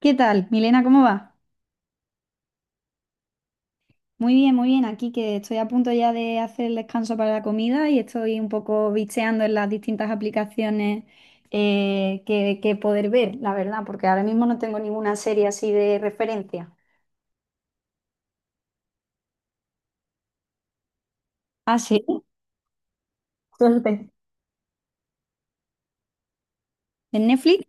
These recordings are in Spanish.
¿Qué tal, Milena? ¿Cómo va? Muy bien, muy bien. Aquí que estoy a punto ya de hacer el descanso para la comida y estoy un poco bicheando en las distintas aplicaciones que poder ver, la verdad, porque ahora mismo no tengo ninguna serie así de referencia. Ah, sí. Suerte. ¿En Netflix?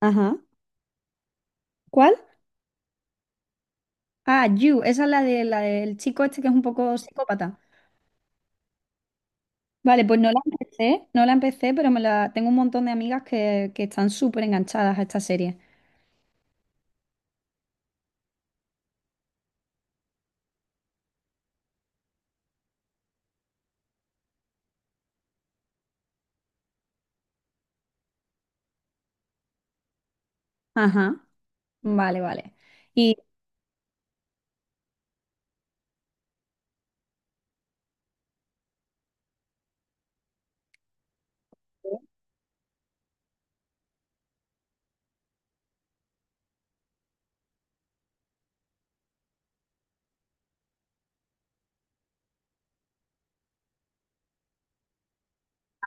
Ajá. ¿Cuál? Ah, You. Esa es la de la del chico este que es un poco psicópata. Vale, pues no la empecé, pero me la tengo un montón de amigas que están súper enganchadas a esta serie. Ajá. Vale, vale.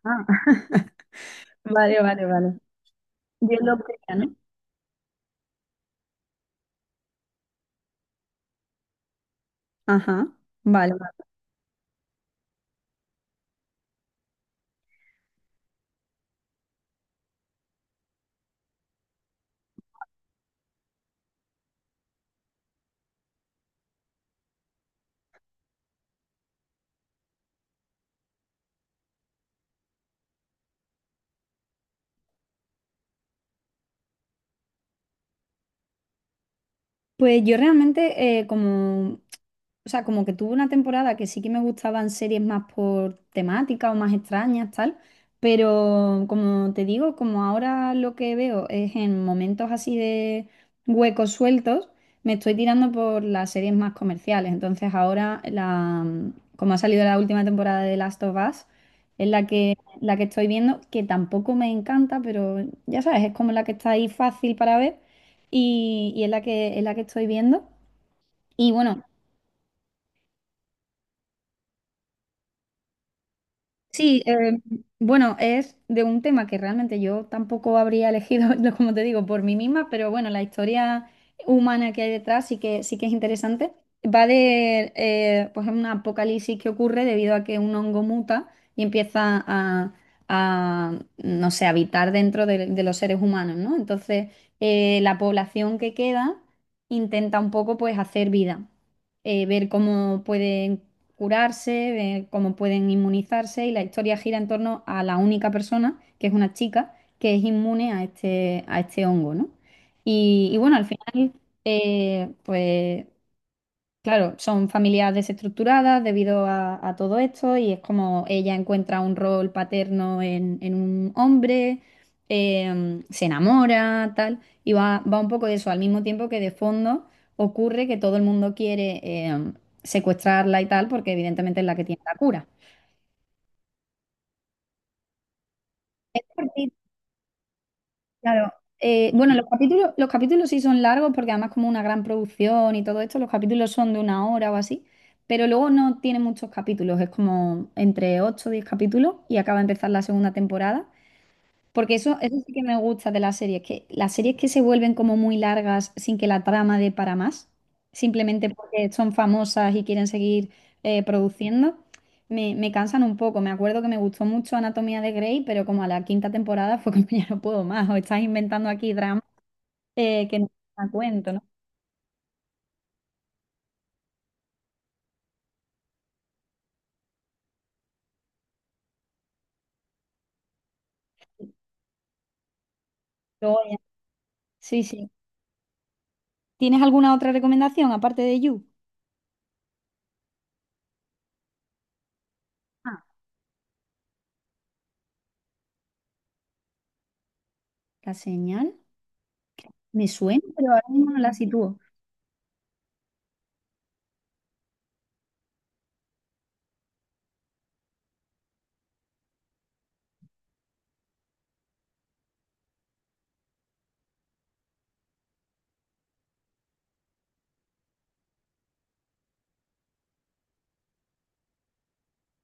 Ah, vale, vale, vale. Dios lo premia, ¿no? Ajá, vale. Pues yo realmente o sea, como que tuve una temporada que sí que me gustaban series más por temática o más extrañas, tal, pero como te digo, como ahora lo que veo es en momentos así de huecos sueltos, me estoy tirando por las series más comerciales. Entonces como ha salido la última temporada de Last of Us, es la que estoy viendo, que tampoco me encanta, pero ya sabes, es como la que está ahí fácil para ver y es es la que estoy viendo. Y bueno, sí, bueno, es de un tema que realmente yo tampoco habría elegido, no, como te digo, por mí misma, pero bueno, la historia humana que hay detrás sí que es interesante. Va de, pues, un apocalipsis que ocurre debido a que un hongo muta y empieza a no sé, habitar dentro de los seres humanos, ¿no? Entonces, la población que queda intenta un poco, pues, hacer vida ver cómo pueden curarse, de cómo pueden inmunizarse y la historia gira en torno a la única persona, que es una chica, que es inmune a a este hongo, ¿no? Y bueno, al final, pues claro, son familias desestructuradas debido a todo esto y es como ella encuentra un rol paterno en un hombre, se enamora, tal, y va un poco de eso, al mismo tiempo que de fondo ocurre que todo el mundo quiere em, secuestrarla y tal, porque evidentemente es la que tiene la cura. Claro. Bueno, los capítulos sí son largos porque además como una gran producción y todo esto, los capítulos son de una hora o así, pero luego no tiene muchos capítulos, es como entre 8, o 10 capítulos y acaba de empezar la segunda temporada. Porque eso sí que me gusta de las series que se vuelven como muy largas sin que la trama dé para más, simplemente porque son famosas y quieren seguir produciendo, me cansan un poco. Me acuerdo que me gustó mucho Anatomía de Grey, pero como a la quinta temporada fue como ya no puedo más, o estás inventando aquí drama que no me da cuento, ¿no? Luego ya- sí, sí. ¿Tienes alguna otra recomendación aparte de You? Ah, La señal me suena, pero ahora mismo no la sitúo.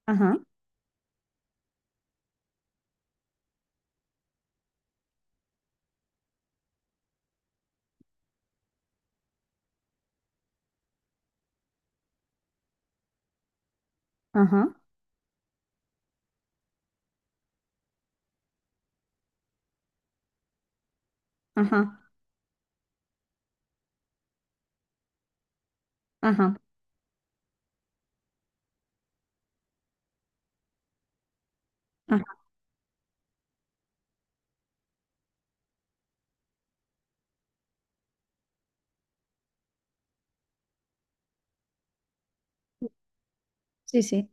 Ajá, ajá, ajá, ajá. Ajá. Sí, sí.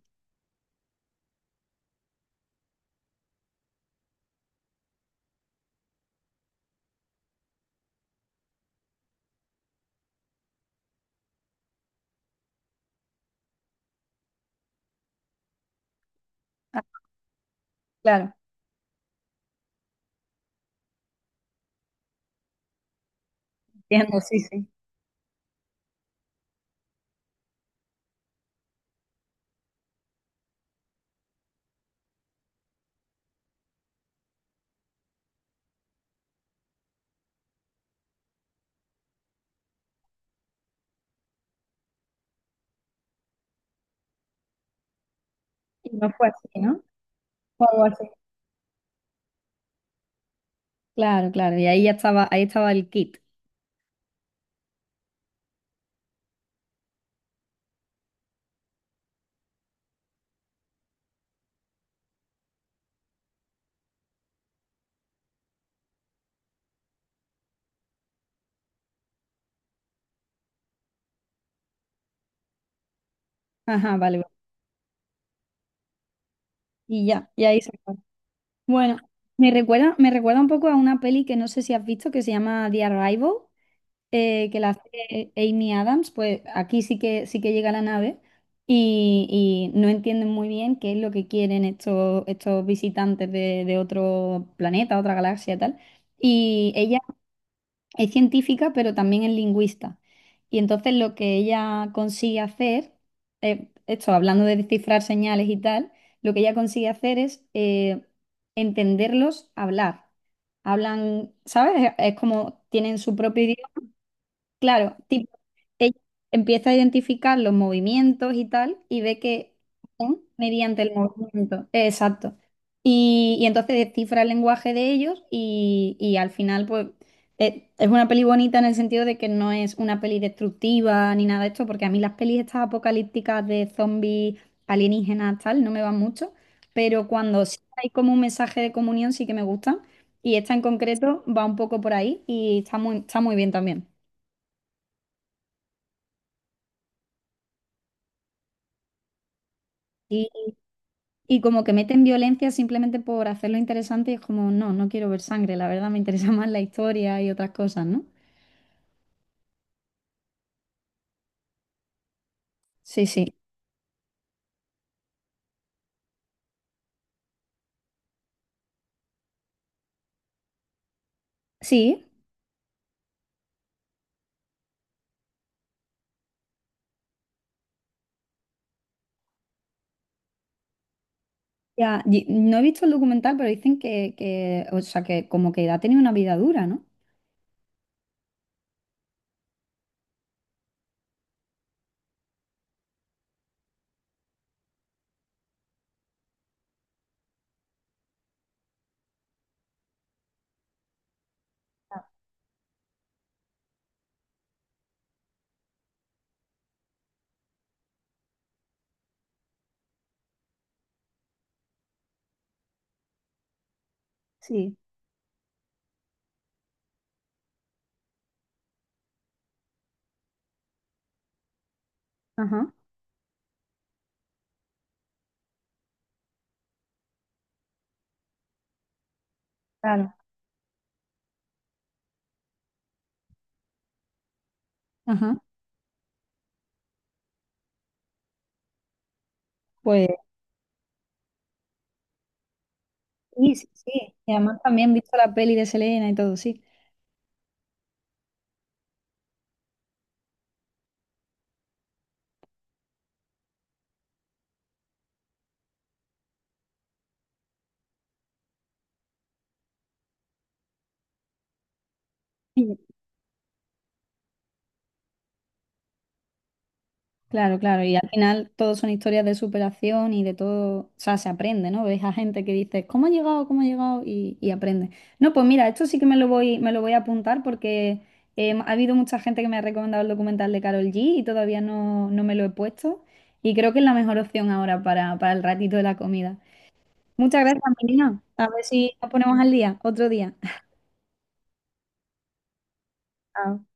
Ah, claro, entiendo, sí, sí. Y no fue así, ¿no? Fue algo así. Claro, claro. Y ahí ya estaba, ahí estaba el kit. Ajá, vale, vale. Y ya, y ahí se fue. Bueno, me recuerda un poco a una peli que no sé si has visto que se llama The Arrival, que la hace Amy Adams. Pues aquí sí que llega la nave y no entienden muy bien qué es lo que quieren estos visitantes de otro planeta, otra galaxia, y tal. Y ella es científica, pero también es lingüista. Y entonces lo que ella consigue hacer, esto hablando de descifrar señales y tal, lo que ella consigue hacer es entenderlos hablar. Hablan, ¿sabes? Es como tienen su propio idioma. Claro, tipo, ella empieza a identificar los movimientos y tal, y ve que son mediante el movimiento. Exacto. Y entonces descifra el lenguaje de ellos y al final, pues, es una peli bonita en el sentido de que no es una peli destructiva ni nada de esto, porque a mí las pelis estas apocalípticas de zombies, alienígenas, tal, no me van mucho, pero cuando sí hay como un mensaje de comunión sí que me gustan, y esta en concreto va un poco por ahí y está muy bien también. Y como que meten violencia simplemente por hacerlo interesante y es como, no, no quiero ver sangre, la verdad me interesa más la historia y otras cosas, ¿no? Sí, sí. Sí, ya, y- no he visto el documental, pero dicen que, o sea, que como que ha tenido una vida dura, ¿no? Sí. Ajá, claro. Ajá. Pues sí, sí, sí. Y además también he visto la peli de Selena y todo, sí. Claro, claro, y al final todo son historias de superación y de todo, o sea, se aprende, ¿no? Ves a gente que dice, ¿cómo ha llegado? ¿Cómo ha llegado? Y aprende. No, pues mira, esto sí que me lo voy a apuntar porque ha habido mucha gente que me ha recomendado el documental de Carol G y todavía no, no me lo he puesto y creo que es la mejor opción ahora para el ratito de la comida. Muchas gracias, Melina. A ver si nos ponemos al día otro día. Chao.